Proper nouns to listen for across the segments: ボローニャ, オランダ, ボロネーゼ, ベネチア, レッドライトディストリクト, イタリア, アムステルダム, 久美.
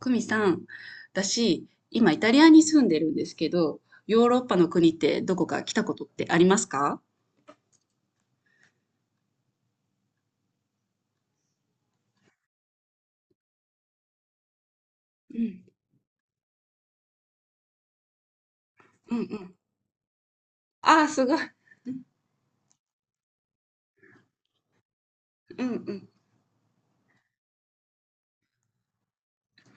久美さん、私、今イタリアに住んでるんですけど、ヨーロッパの国ってどこか来たことってありますか？うん、うん、うん。ああ、すごい。うんうん。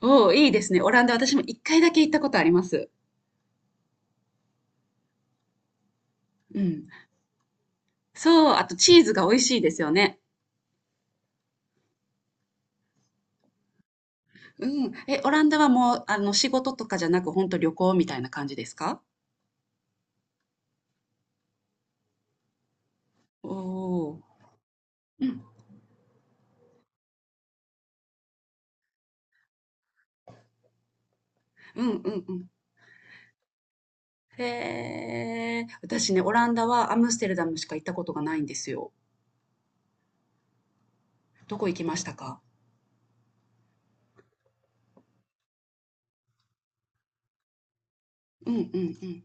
おお、いいですね。オランダ、私も一回だけ行ったことあります。うん。そう、あとチーズが美味しいですよね。うん。え、オランダはもう、あの、仕事とかじゃなく、本当旅行みたいな感じですか？おおー。うん、うん、うん、うん。へえ、私ね、オランダはアムステルダムしか行ったことがないんですよ。どこ行きましたか？うんうんうん。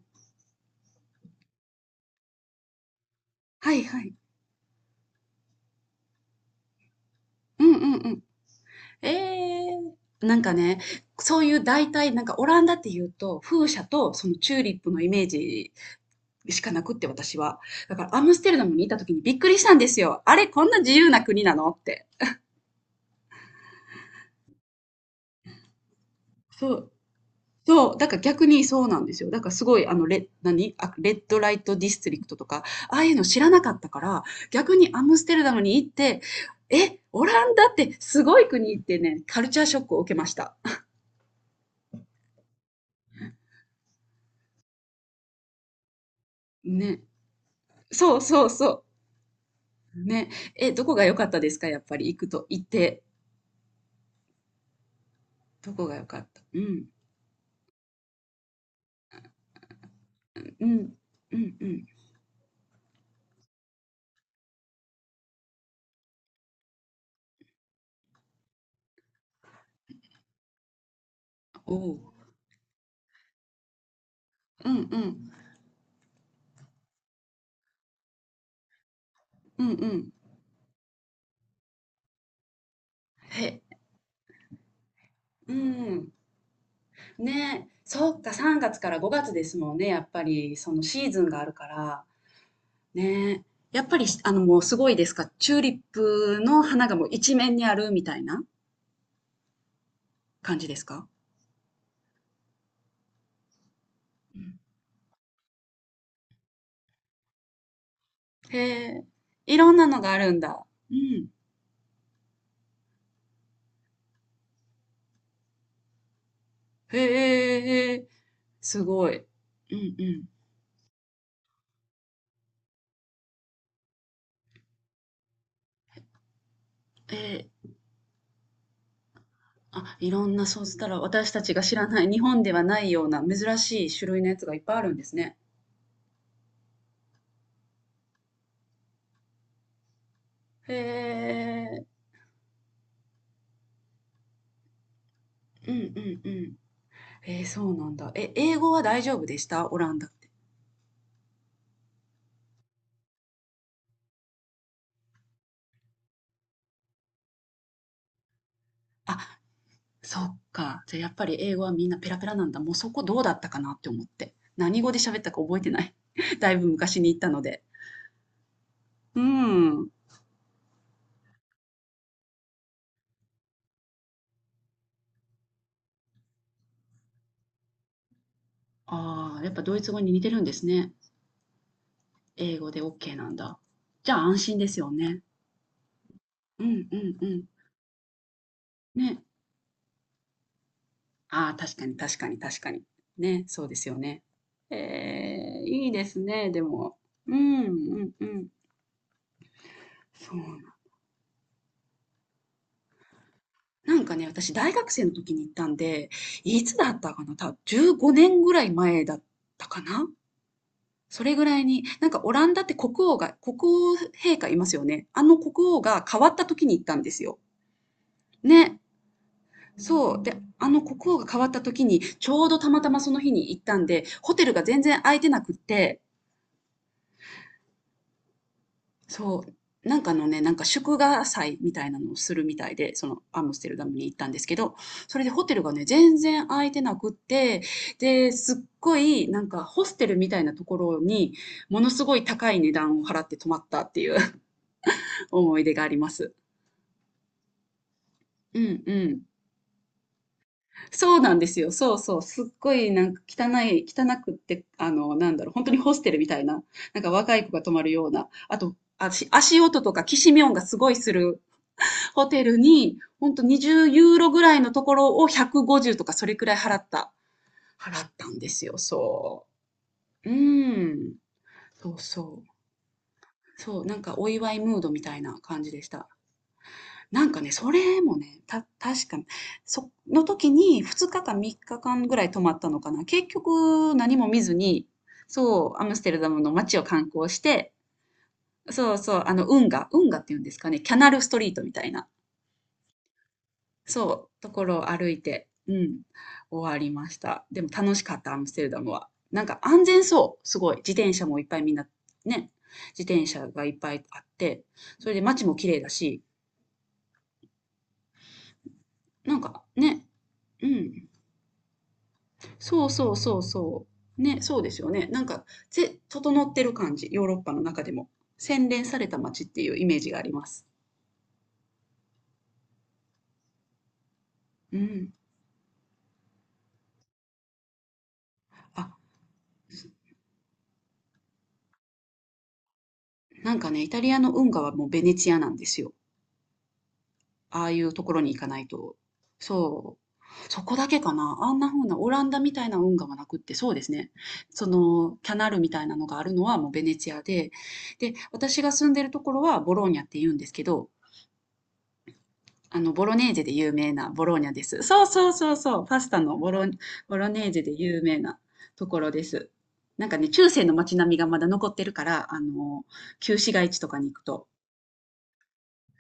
はいはい。うんうんうん。えなんかね、そういう大体なんかオランダっていうと、風車とそのチューリップのイメージしかなくって、私は。だからアムステルダムにいた時にびっくりしたんですよ。あれ、こんな自由な国なのって。そう。そう、だから逆にそうなんですよ。だからすごいあのレ何、あ、レッドライトディストリクトとか、ああいうの知らなかったから、逆にアムステルダムに行って、え、オランダってすごい国ってね、カルチャーショックを受けました。ね。そうそうそう。ね。え、どこが良かったですか？やっぱり行くと行って、どこが良かった？うん。うん。うんうん。おお。うんうん。うんうん。へうん。ね、そっか、3月から5月ですもんね、やっぱり、そのシーズンがあるから。ね。やっぱり、しあの、もうすごいですか？チューリップの花がもう一面にあるみたいな感じですか？へえ。いろんなのがあるんだ。うん。へへえ。すごい。うんうん。ええ、あ、いろんな、そうしたら私たちが知らない、日本ではないような珍しい種類のやつがいっぱいあるんですね。へえ。うんうんうん。そうなんだ。え、英語は大丈夫でした？オランダって。あ、そっか。じゃ、やっぱり英語はみんなペラペラなんだ。もうそこどうだったかなって思って。何語で喋ったか覚えてない。だいぶ昔に行ったので。うん。ああ、やっぱドイツ語に似てるんですね。英語でオッケーなんだ。じゃあ安心ですよね。うんうんうん。ね。ああ、確かに確かに確かに。ね、そうですよね。えーいいですね、でも。うん、うんうん。そうなのなんかね、私大学生の時に行ったんで、いつだったかな、15年ぐらい前だったかな。それぐらいに、なんかオランダって国王陛下いますよね。あの国王が変わった時に行ったんですよ。ね。そう。で、あの国王が変わった時に、ちょうどたまたまその日に行ったんで、ホテルが全然空いてなくって、そう。なんかのね、なんか祝賀祭みたいなのをするみたいで、そのアムステルダムに行ったんですけど、それでホテルがね、全然空いてなくって、で、すっごいなんかホステルみたいなところに、ものすごい高い値段を払って泊まったっていう 思い出があります。うんうん。そうなんですよ。そうそう。すっごいなんか汚くって、あの、なんだろう、本当にホステルみたいな、なんか若い子が泊まるような、あと、足音とかきしみ音がすごいするホテルに、ほんと20ユーロぐらいのところを150とかそれくらい払ったんですよ、そう。うーん。そうそう。そう、なんかお祝いムードみたいな感じでした。なんかね、それもね、確か、その時に2日か3日間ぐらい泊まったのかな。結局何も見ずに、そう、アムステルダムの街を観光して、そうそう、あの運河運河っていうんですかね、キャナルストリートみたいなそう、ところを歩いて、うん、終わりました。でも楽しかった、アムステルダムは。なんか安全そう、すごい。自転車もいっぱいみんな、ね、自転車がいっぱいあって、それで街も綺麗だし、なんかね、うん、そうそうそうそう。ね、そうですよね。なんか、整ってる感じ、ヨーロッパの中でも。洗練された街っていうイメージがあります。うん。あ、なんかね、イタリアの運河はもうベネチアなんですよ。ああいうところに行かないと。そう。そこだけかな。あんな風なオランダみたいな運河はなくって、そうですね。その、キャナルみたいなのがあるのはもうベネチアで、で、私が住んでるところはボローニャって言うんですけど、あの、ボロネーゼで有名なボローニャです。そうそうそうそう。パスタのボロ、ボロネーゼで有名なところです。なんかね、中世の街並みがまだ残ってるから、あの、旧市街地とかに行くと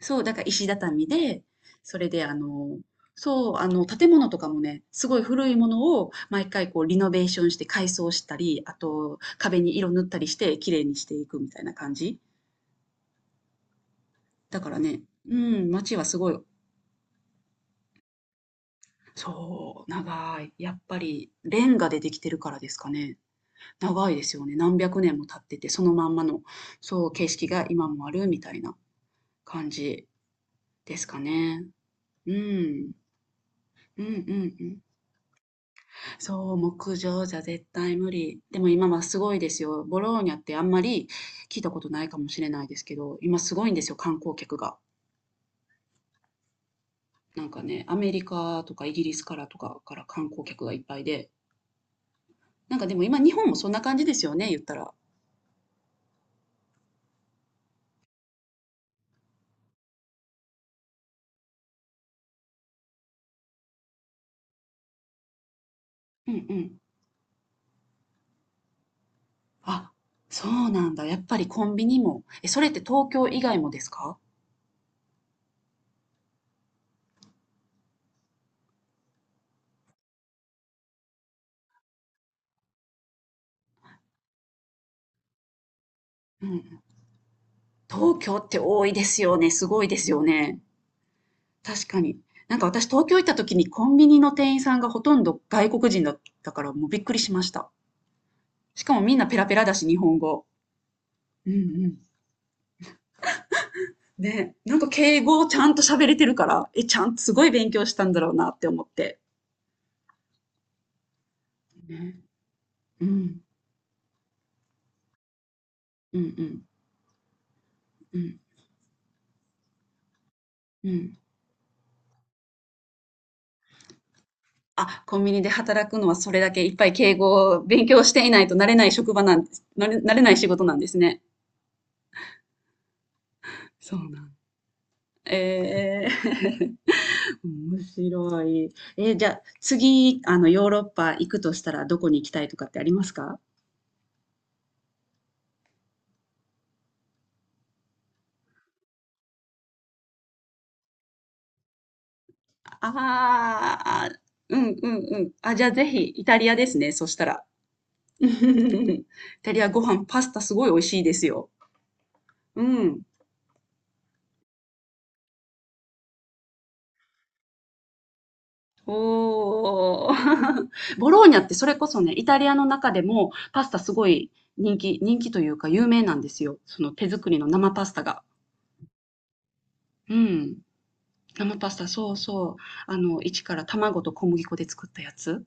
そう、だから石畳で、それであの、そう、あの、建物とかもね、すごい古いものを毎回こうリノベーションして改装したり、あと壁に色塗ったりして綺麗にしていくみたいな感じ。だからね、うん、街はすごい、そう、長い。やっぱりレンガでできてるからですかね。長いですよね。何百年も経ってて、そのまんまの、そう、景色が今もあるみたいな感じですかね。うん。うんうんうん。そう、木上じゃ絶対無理。でも今はすごいですよ。ボローニャってあんまり聞いたことないかもしれないですけど、今すごいんですよ、観光客が。なんかね、アメリカとかイギリスからとかから観光客がいっぱいで。なんかでも今日本もそんな感じですよね、言ったら。うんうん。あ、そうなんだ。やっぱりコンビニも。え、それって東京以外もですか？うん。東京って多いですよね。すごいですよね。確かに。なんか私東京行った時にコンビニの店員さんがほとんど外国人だったからもうびっくりしました。しかもみんなペラペラだし、日本語。うんうん。ね、なんか敬語をちゃんと喋れてるから、え、ちゃんとすごい勉強したんだろうなって思って。ね、うん、うん、うん、うん、うん。あ、コンビニで働くのはそれだけいっぱい敬語を勉強していないとなれない職場なんです、なれない仕事なんですね。そうなん。ええ 面白い。じゃあ次、あの、ヨーロッパ行くとしたらどこに行きたいとかってありますか？ああー、うんうんうん。あ、じゃあぜひイタリアですね。そしたら。イタリアご飯、パスタすごい美味しいですよ。うん。おー。ボローニャってそれこそね、イタリアの中でもパスタすごい人気、人気というか有名なんですよ。その手作りの生パスタが。うん。生パスタ、そうそう。あの、一から卵と小麦粉で作ったやつ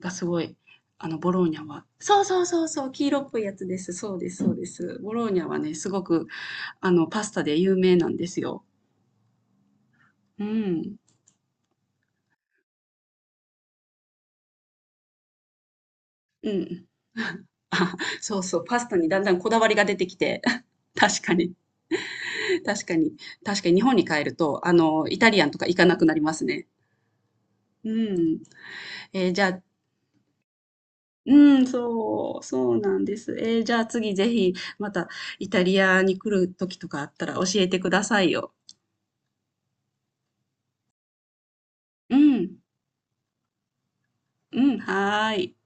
がすごい、あの、ボローニャは。そうそうそうそう、黄色っぽいやつです。そうです、そうです。ボローニャはね、すごく、あの、パスタで有名なんですよ。うん。うん。あ、そうそう、パスタにだんだんこだわりが出てきて。確かに、確かに、確かに日本に帰ると、あの、イタリアンとか行かなくなりますね。うん。じゃあ、うん、そう、そうなんです。じゃあ次ぜひまたイタリアに来る時とかあったら教えてくださいよ。うん、うん、はーい。